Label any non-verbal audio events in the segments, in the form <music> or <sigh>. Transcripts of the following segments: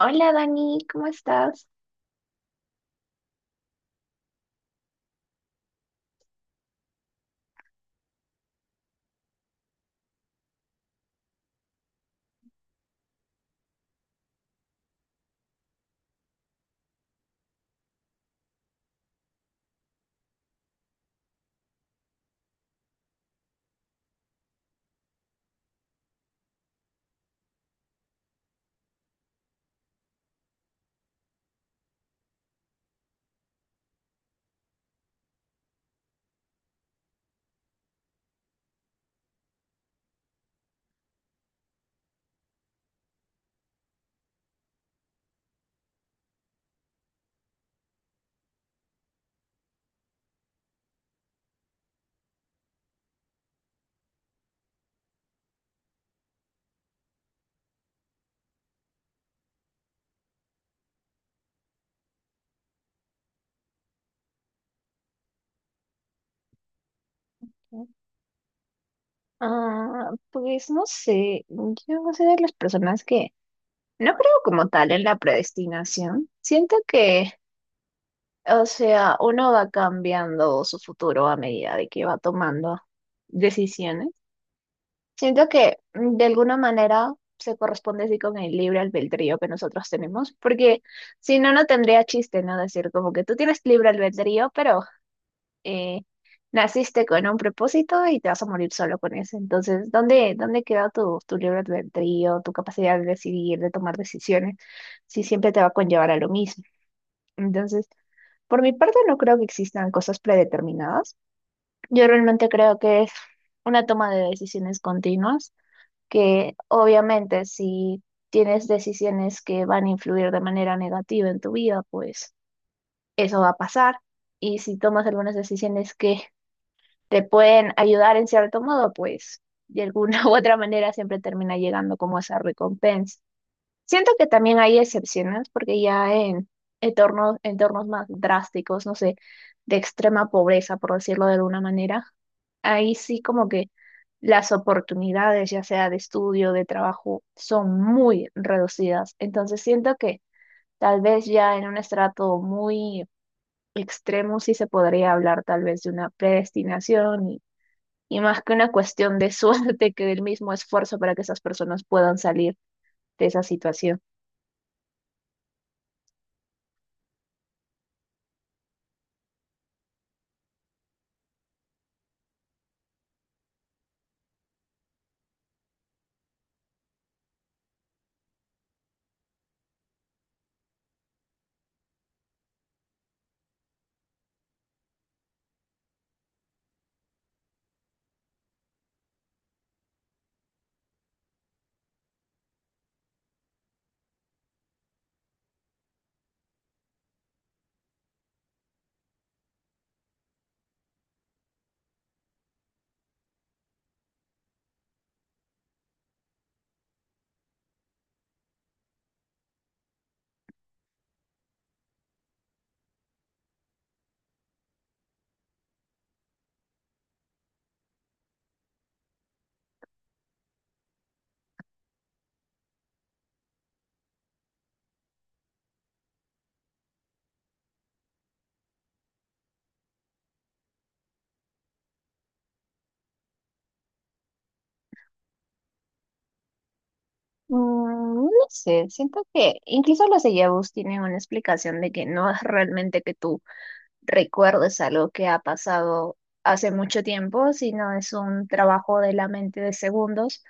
Hola Dani, ¿cómo estás? Ah, pues no sé, yo no soy de las personas que no creo como tal en la predestinación. Siento que, o sea, uno va cambiando su futuro a medida de que va tomando decisiones. Siento que de alguna manera se corresponde así con el libre albedrío que nosotros tenemos, porque si no, no tendría chiste, ¿no? Decir como que tú tienes libre albedrío, pero eh, naciste con un propósito y te vas a morir solo con ese. Entonces, ¿dónde queda tu libre albedrío, tu capacidad de decidir, de tomar decisiones, si siempre te va a conllevar a lo mismo? Entonces, por mi parte, no creo que existan cosas predeterminadas. Yo realmente creo que es una toma de decisiones continuas, que obviamente si tienes decisiones que van a influir de manera negativa en tu vida, pues eso va a pasar. Y si tomas algunas decisiones que te pueden ayudar en cierto modo, pues de alguna <laughs> u otra manera siempre termina llegando como esa recompensa. Siento que también hay excepciones, porque ya en entornos más drásticos, no sé, de extrema pobreza, por decirlo de alguna manera, ahí sí como que las oportunidades, ya sea de estudio, de trabajo, son muy reducidas. Entonces siento que tal vez ya en un estrato muy extremo sí se podría hablar tal vez de una predestinación y más que una cuestión de <laughs> suerte que del mismo esfuerzo para que esas personas puedan salir de esa situación. Mm, no sé, siento que incluso los déjà-vus tienen una explicación de que no es realmente que tú recuerdes algo que ha pasado hace mucho tiempo, sino es un trabajo de la mente de segundos,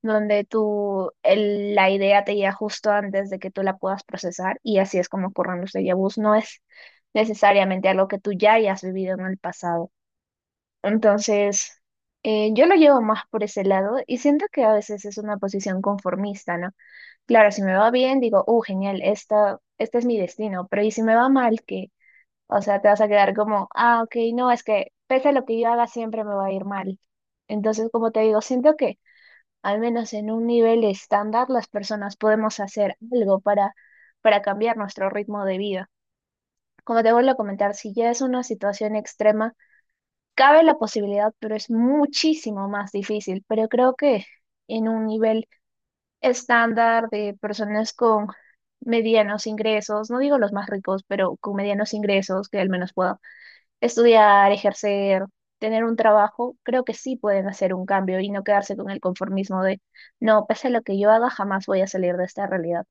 donde tú, la idea te llega justo antes de que tú la puedas procesar y así es como ocurren los déjà-vus. No es necesariamente algo que tú ya hayas vivido en el pasado. Entonces, yo lo llevo más por ese lado y siento que a veces es una posición conformista, ¿no? Claro, si me va bien, digo, genial, este es mi destino, pero ¿y si me va mal, qué? O sea, te vas a quedar como, ah, ok, no, es que pese a lo que yo haga, siempre me va a ir mal. Entonces, como te digo, siento que al menos en un nivel estándar las personas podemos hacer algo para cambiar nuestro ritmo de vida. Como te vuelvo a comentar, si ya es una situación extrema, cabe la posibilidad, pero es muchísimo más difícil. Pero creo que en un nivel estándar de personas con medianos ingresos, no digo los más ricos, pero con medianos ingresos que al menos puedan estudiar, ejercer, tener un trabajo, creo que sí pueden hacer un cambio y no quedarse con el conformismo de, no, pese a lo que yo haga, jamás voy a salir de esta realidad.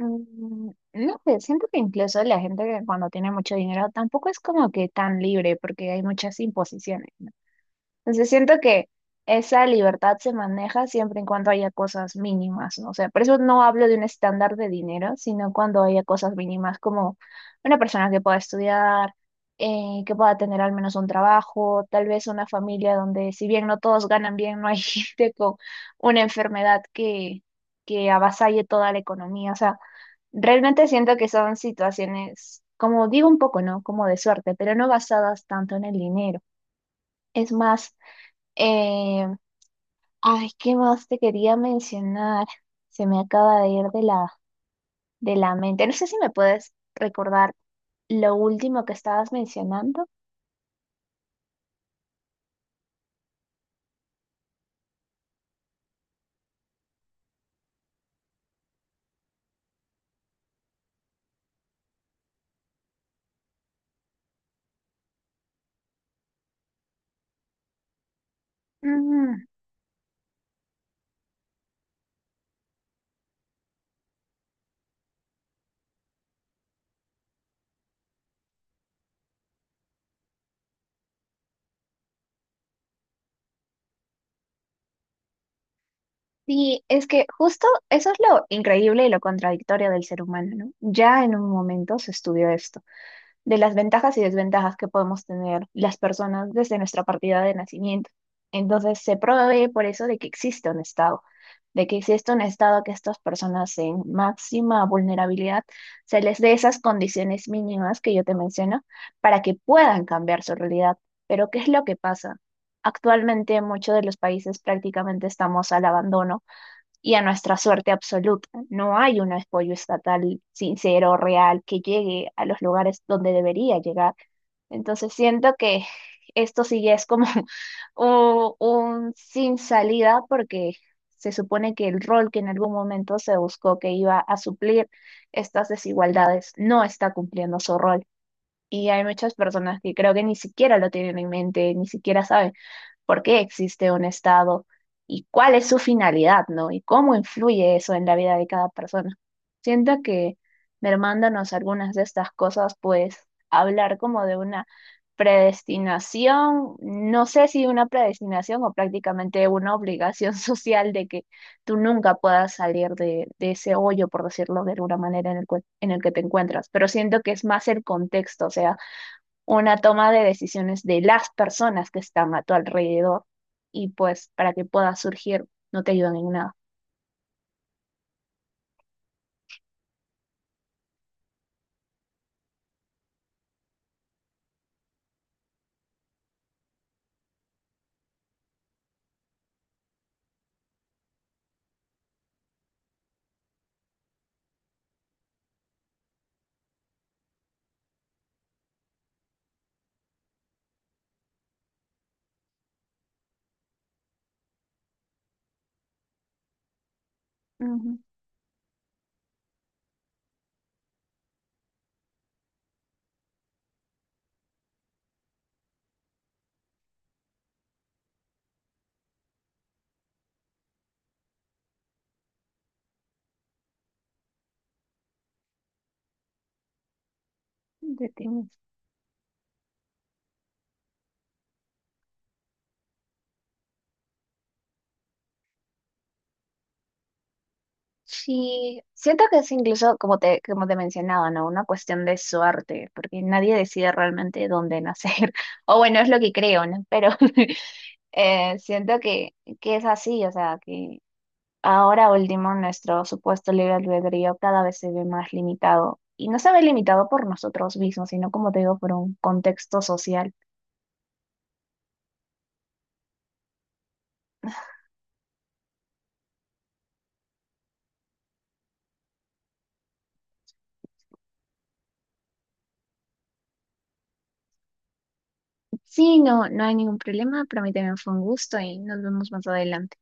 No sé, siento que incluso la gente que cuando tiene mucho dinero tampoco es como que tan libre porque hay muchas imposiciones. Entonces siento que esa libertad se maneja siempre en cuanto haya cosas mínimas, ¿no? O sea, por eso no hablo de un estándar de dinero, sino cuando haya cosas mínimas como una persona que pueda estudiar, que pueda tener al menos un trabajo, tal vez una familia donde si bien no todos ganan bien, no hay <laughs> gente con una enfermedad que avasalle toda la economía. O sea, realmente siento que son situaciones, como digo un poco, ¿no? Como de suerte, pero no basadas tanto en el dinero. Es más eh, ay, ¿qué más te quería mencionar? Se me acaba de ir de de la mente. No sé si me puedes recordar lo último que estabas mencionando. Mm, sí, es que justo eso es lo increíble y lo contradictorio del ser humano, ¿no? Ya en un momento se estudió esto de las ventajas y desventajas que podemos tener las personas desde nuestra partida de nacimiento. Entonces se provee por eso de que existe un Estado, de que existe un Estado que estas personas en máxima vulnerabilidad se les dé esas condiciones mínimas que yo te menciono para que puedan cambiar su realidad. Pero ¿qué es lo que pasa? Actualmente muchos de los países prácticamente estamos al abandono y a nuestra suerte absoluta. No hay un apoyo estatal sincero, real, que llegue a los lugares donde debería llegar. Entonces siento que esto sí ya es como <laughs> un sin salida porque se supone que el rol que en algún momento se buscó que iba a suplir estas desigualdades no está cumpliendo su rol. Y hay muchas personas que creo que ni siquiera lo tienen en mente, ni siquiera saben por qué existe un Estado y cuál es su finalidad, ¿no? Y cómo influye eso en la vida de cada persona. Siento que mermándonos algunas de estas cosas, pues hablar como de una predestinación, no sé si una predestinación o prácticamente una obligación <laughs> social de que tú nunca puedas salir de ese hoyo, por decirlo de alguna manera, en el, en el que te encuentras. Pero siento que es más el contexto, o sea, una toma de decisiones de las personas que están a tu alrededor y pues para que pueda surgir no te ayudan en nada. Ujú, de ti mismo. Sí, siento que es incluso como como te mencionaba, ¿no? Una cuestión de suerte, porque nadie decide realmente dónde nacer. <laughs> O bueno, es lo que creo, ¿no? Pero <laughs> siento que es así, o sea, que ahora último, nuestro supuesto libre albedrío cada vez se ve más limitado. Y no se ve limitado por nosotros mismos, sino como te digo, por un contexto social. Sí, no, no hay ningún problema. Para mí también fue un gusto y nos vemos más adelante.